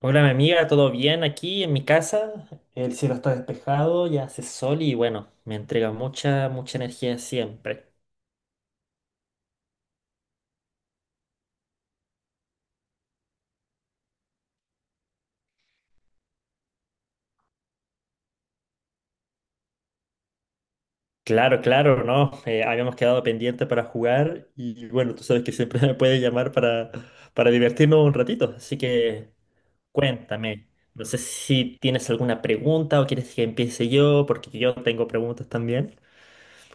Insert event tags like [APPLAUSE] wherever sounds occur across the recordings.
Hola, mi amiga, ¿todo bien aquí en mi casa? El cielo está despejado, ya hace sol y bueno, me entrega mucha, mucha energía siempre. Claro, claro, ¿no? Habíamos quedado pendiente para jugar y bueno, tú sabes que siempre [LAUGHS] me puedes llamar para divertirnos un ratito, así que cuéntame. No sé si tienes alguna pregunta o quieres que empiece yo, porque yo tengo preguntas también.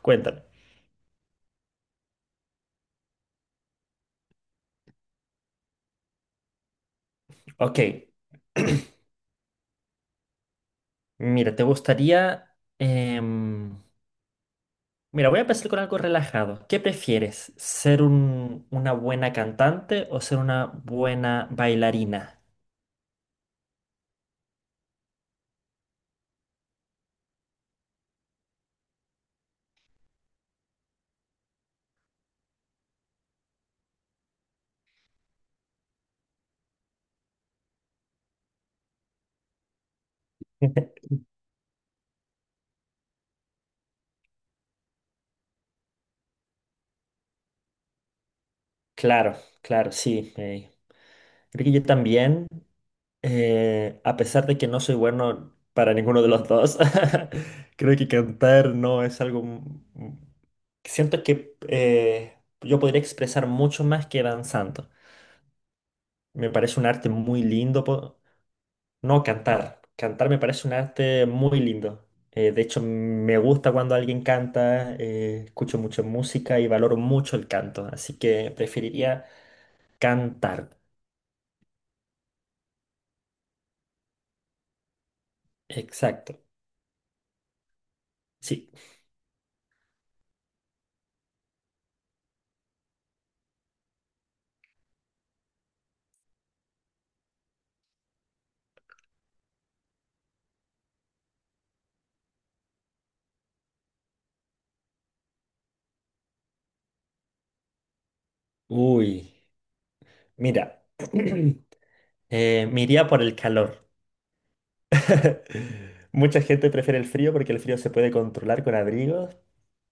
Cuéntame. Ok, mira, ¿te gustaría... em, mira, voy a empezar con algo relajado. ¿Qué prefieres? ¿Ser una buena cantante o ser una buena bailarina? [LAUGHS] Claro, claro, sí. Creo que yo también, a pesar de que no soy bueno para ninguno de los dos, [LAUGHS] creo que cantar no es algo... m- Siento que yo podría expresar mucho más que danzando. Me parece un arte muy lindo. No, cantar. Cantar me parece un arte muy lindo. De hecho, me gusta cuando alguien canta, escucho mucho música y valoro mucho el canto, así que preferiría cantar. Exacto. Sí. Uy, mira, [CLEARS THROAT] me iría por el calor. [LAUGHS] Mucha gente prefiere el frío porque el frío se puede controlar con abrigos,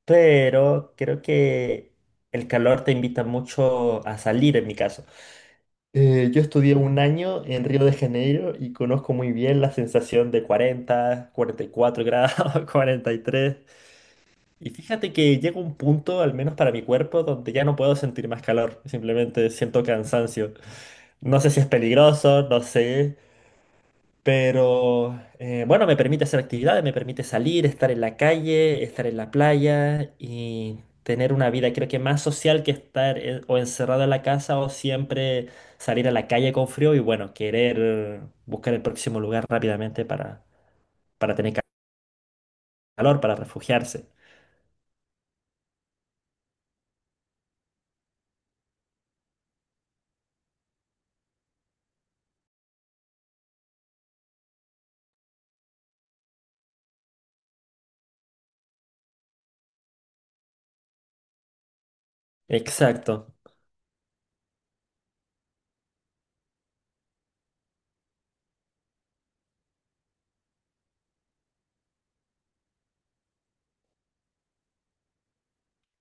pero creo que el calor te invita mucho a salir en mi caso. Yo estudié un año en Río de Janeiro y conozco muy bien la sensación de 40, 44 grados, [LAUGHS] 43. Y fíjate que llega un punto, al menos para mi cuerpo, donde ya no puedo sentir más calor. Simplemente siento cansancio. No sé si es peligroso, no sé. Pero bueno, me permite hacer actividades, me permite salir, estar en la calle, estar en la playa y tener una vida creo que más social que o encerrado en la casa o siempre salir a la calle con frío y bueno, querer buscar el próximo lugar rápidamente para tener calor, para refugiarse. Exacto,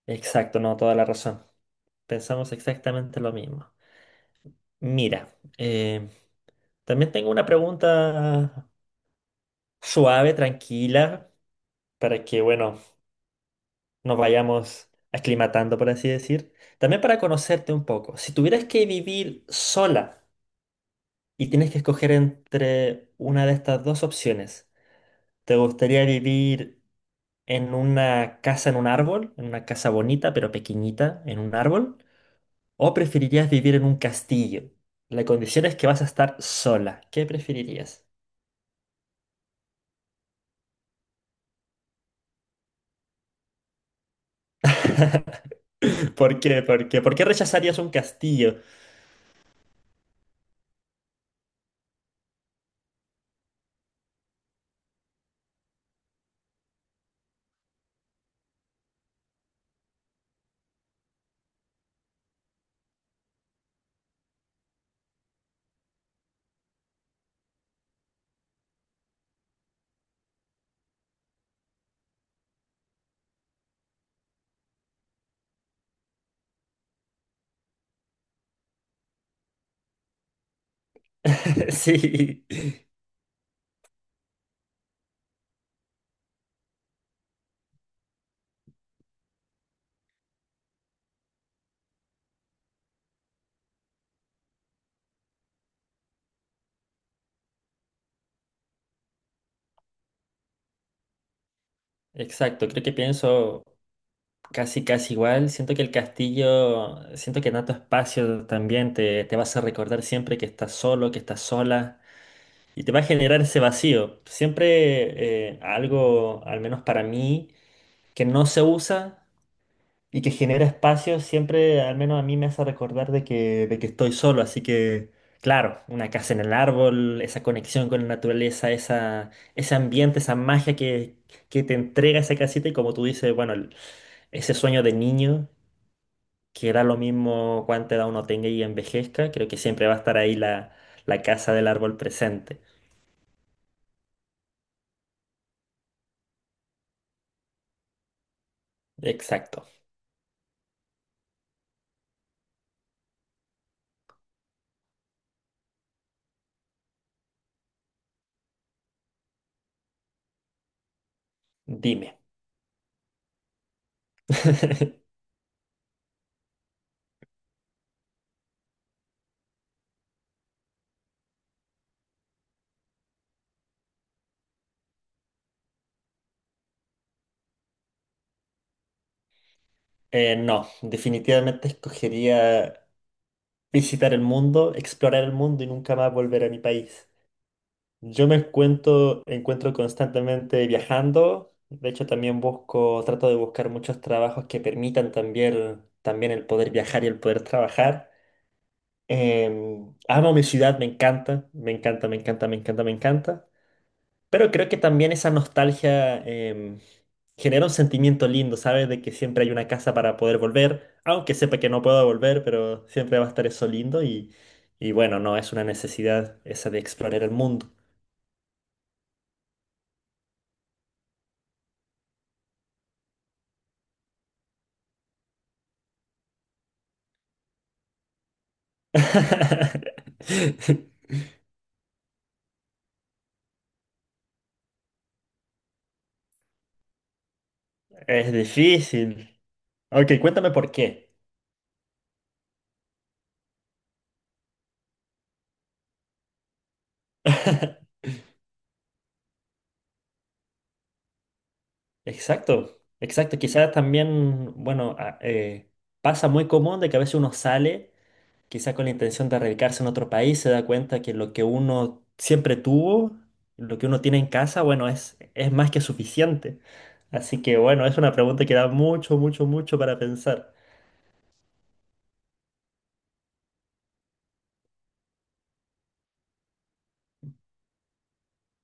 exacto, no, toda la razón. Pensamos exactamente lo mismo. Mira, eh, también tengo una pregunta suave, tranquila, para que, bueno, nos vayamos aclimatando, por así decir. También para conocerte un poco, si tuvieras que vivir sola y tienes que escoger entre una de estas dos opciones, ¿te gustaría vivir en una casa en un árbol, en una casa bonita pero pequeñita, en un árbol? ¿O preferirías vivir en un castillo? La condición es que vas a estar sola. ¿Qué preferirías? [LAUGHS] ¿Por qué? ¿Por qué? ¿Por qué rechazarías un castillo? [LAUGHS] Sí, exacto. Creo que pienso. Casi, casi igual. Siento que el castillo, siento que Nato Espacio también te vas a recordar siempre que estás solo, que estás sola, y te va a generar ese vacío. Siempre algo, al menos para mí, que no se usa y que genera espacio, siempre, al menos a mí me hace recordar de que estoy solo. Así que, claro, una casa en el árbol, esa conexión con la naturaleza, esa, ese ambiente, esa magia que te entrega esa casita y como tú dices, bueno... Ese sueño de niño, que da lo mismo cuánta edad uno tenga y envejezca, creo que siempre va a estar ahí la, la casa del árbol presente. Exacto. Dime. [LAUGHS] No, definitivamente escogería visitar el mundo, explorar el mundo y nunca más volver a mi país. Yo me encuentro constantemente viajando. De hecho, también busco, trato de buscar muchos trabajos que permitan también el poder viajar y el poder trabajar. Amo mi ciudad, me encanta, me encanta, me encanta, me encanta, me encanta. Pero creo que también esa nostalgia genera un sentimiento lindo, ¿sabes? De que siempre hay una casa para poder volver, aunque sepa que no puedo volver, pero siempre va a estar eso lindo, y bueno, no, es una necesidad esa de explorar el mundo. [LAUGHS] Es difícil. Ok, cuéntame por qué. [LAUGHS] Exacto, exacto. Quizás también, bueno, pasa muy común de que a veces uno sale, quizás con la intención de radicarse en otro país, se da cuenta que lo que uno siempre tuvo, lo que uno tiene en casa, bueno, es más que suficiente. Así que bueno, es una pregunta que da mucho, mucho, mucho para pensar.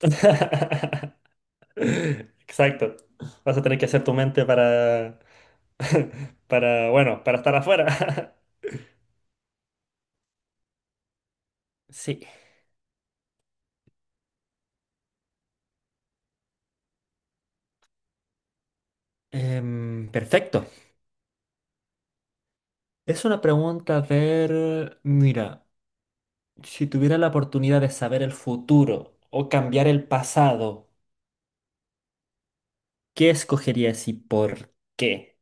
[LAUGHS] Exacto. Vas a tener que hacer tu mente [LAUGHS] para, bueno, para estar afuera. [LAUGHS] Sí. Perfecto. Es una pregunta, a ver, mira, si tuviera la oportunidad de saber el futuro o cambiar el pasado, ¿qué escogerías y por qué?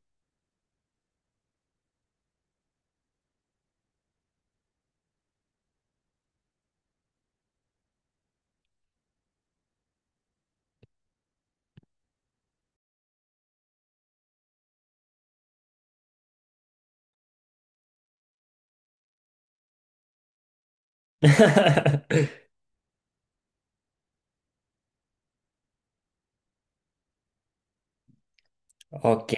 [LAUGHS] Ok,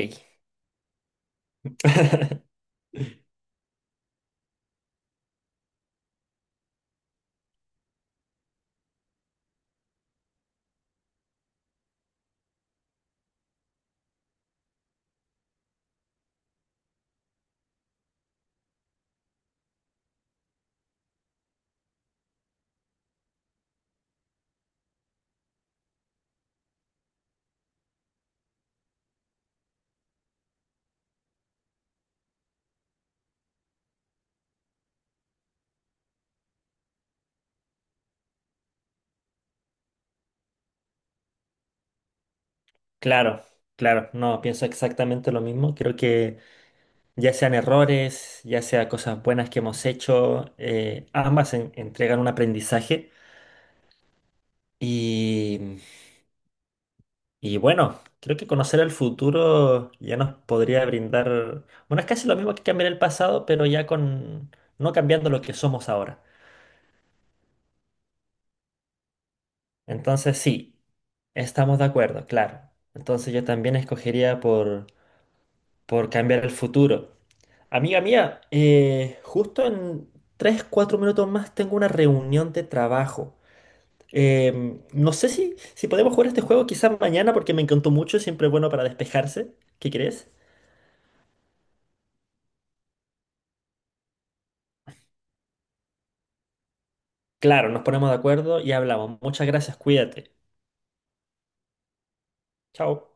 claro, claro, no, pienso exactamente lo mismo. Creo que ya sean errores, ya sea cosas buenas que hemos hecho, ambas entregan un aprendizaje y Y bueno, creo que conocer el futuro ya nos podría brindar, bueno, es casi lo mismo que cambiar el pasado, pero ya con, no cambiando lo que somos ahora. Entonces sí, estamos de acuerdo, claro. Entonces yo también escogería por cambiar el futuro. Amiga mía, justo en 3 4 minutos más tengo una reunión de trabajo. No sé si podemos jugar este juego quizás mañana porque me encantó mucho, siempre es bueno para despejarse. ¿Qué crees? Claro, nos ponemos de acuerdo y hablamos. Muchas gracias, cuídate. Chao.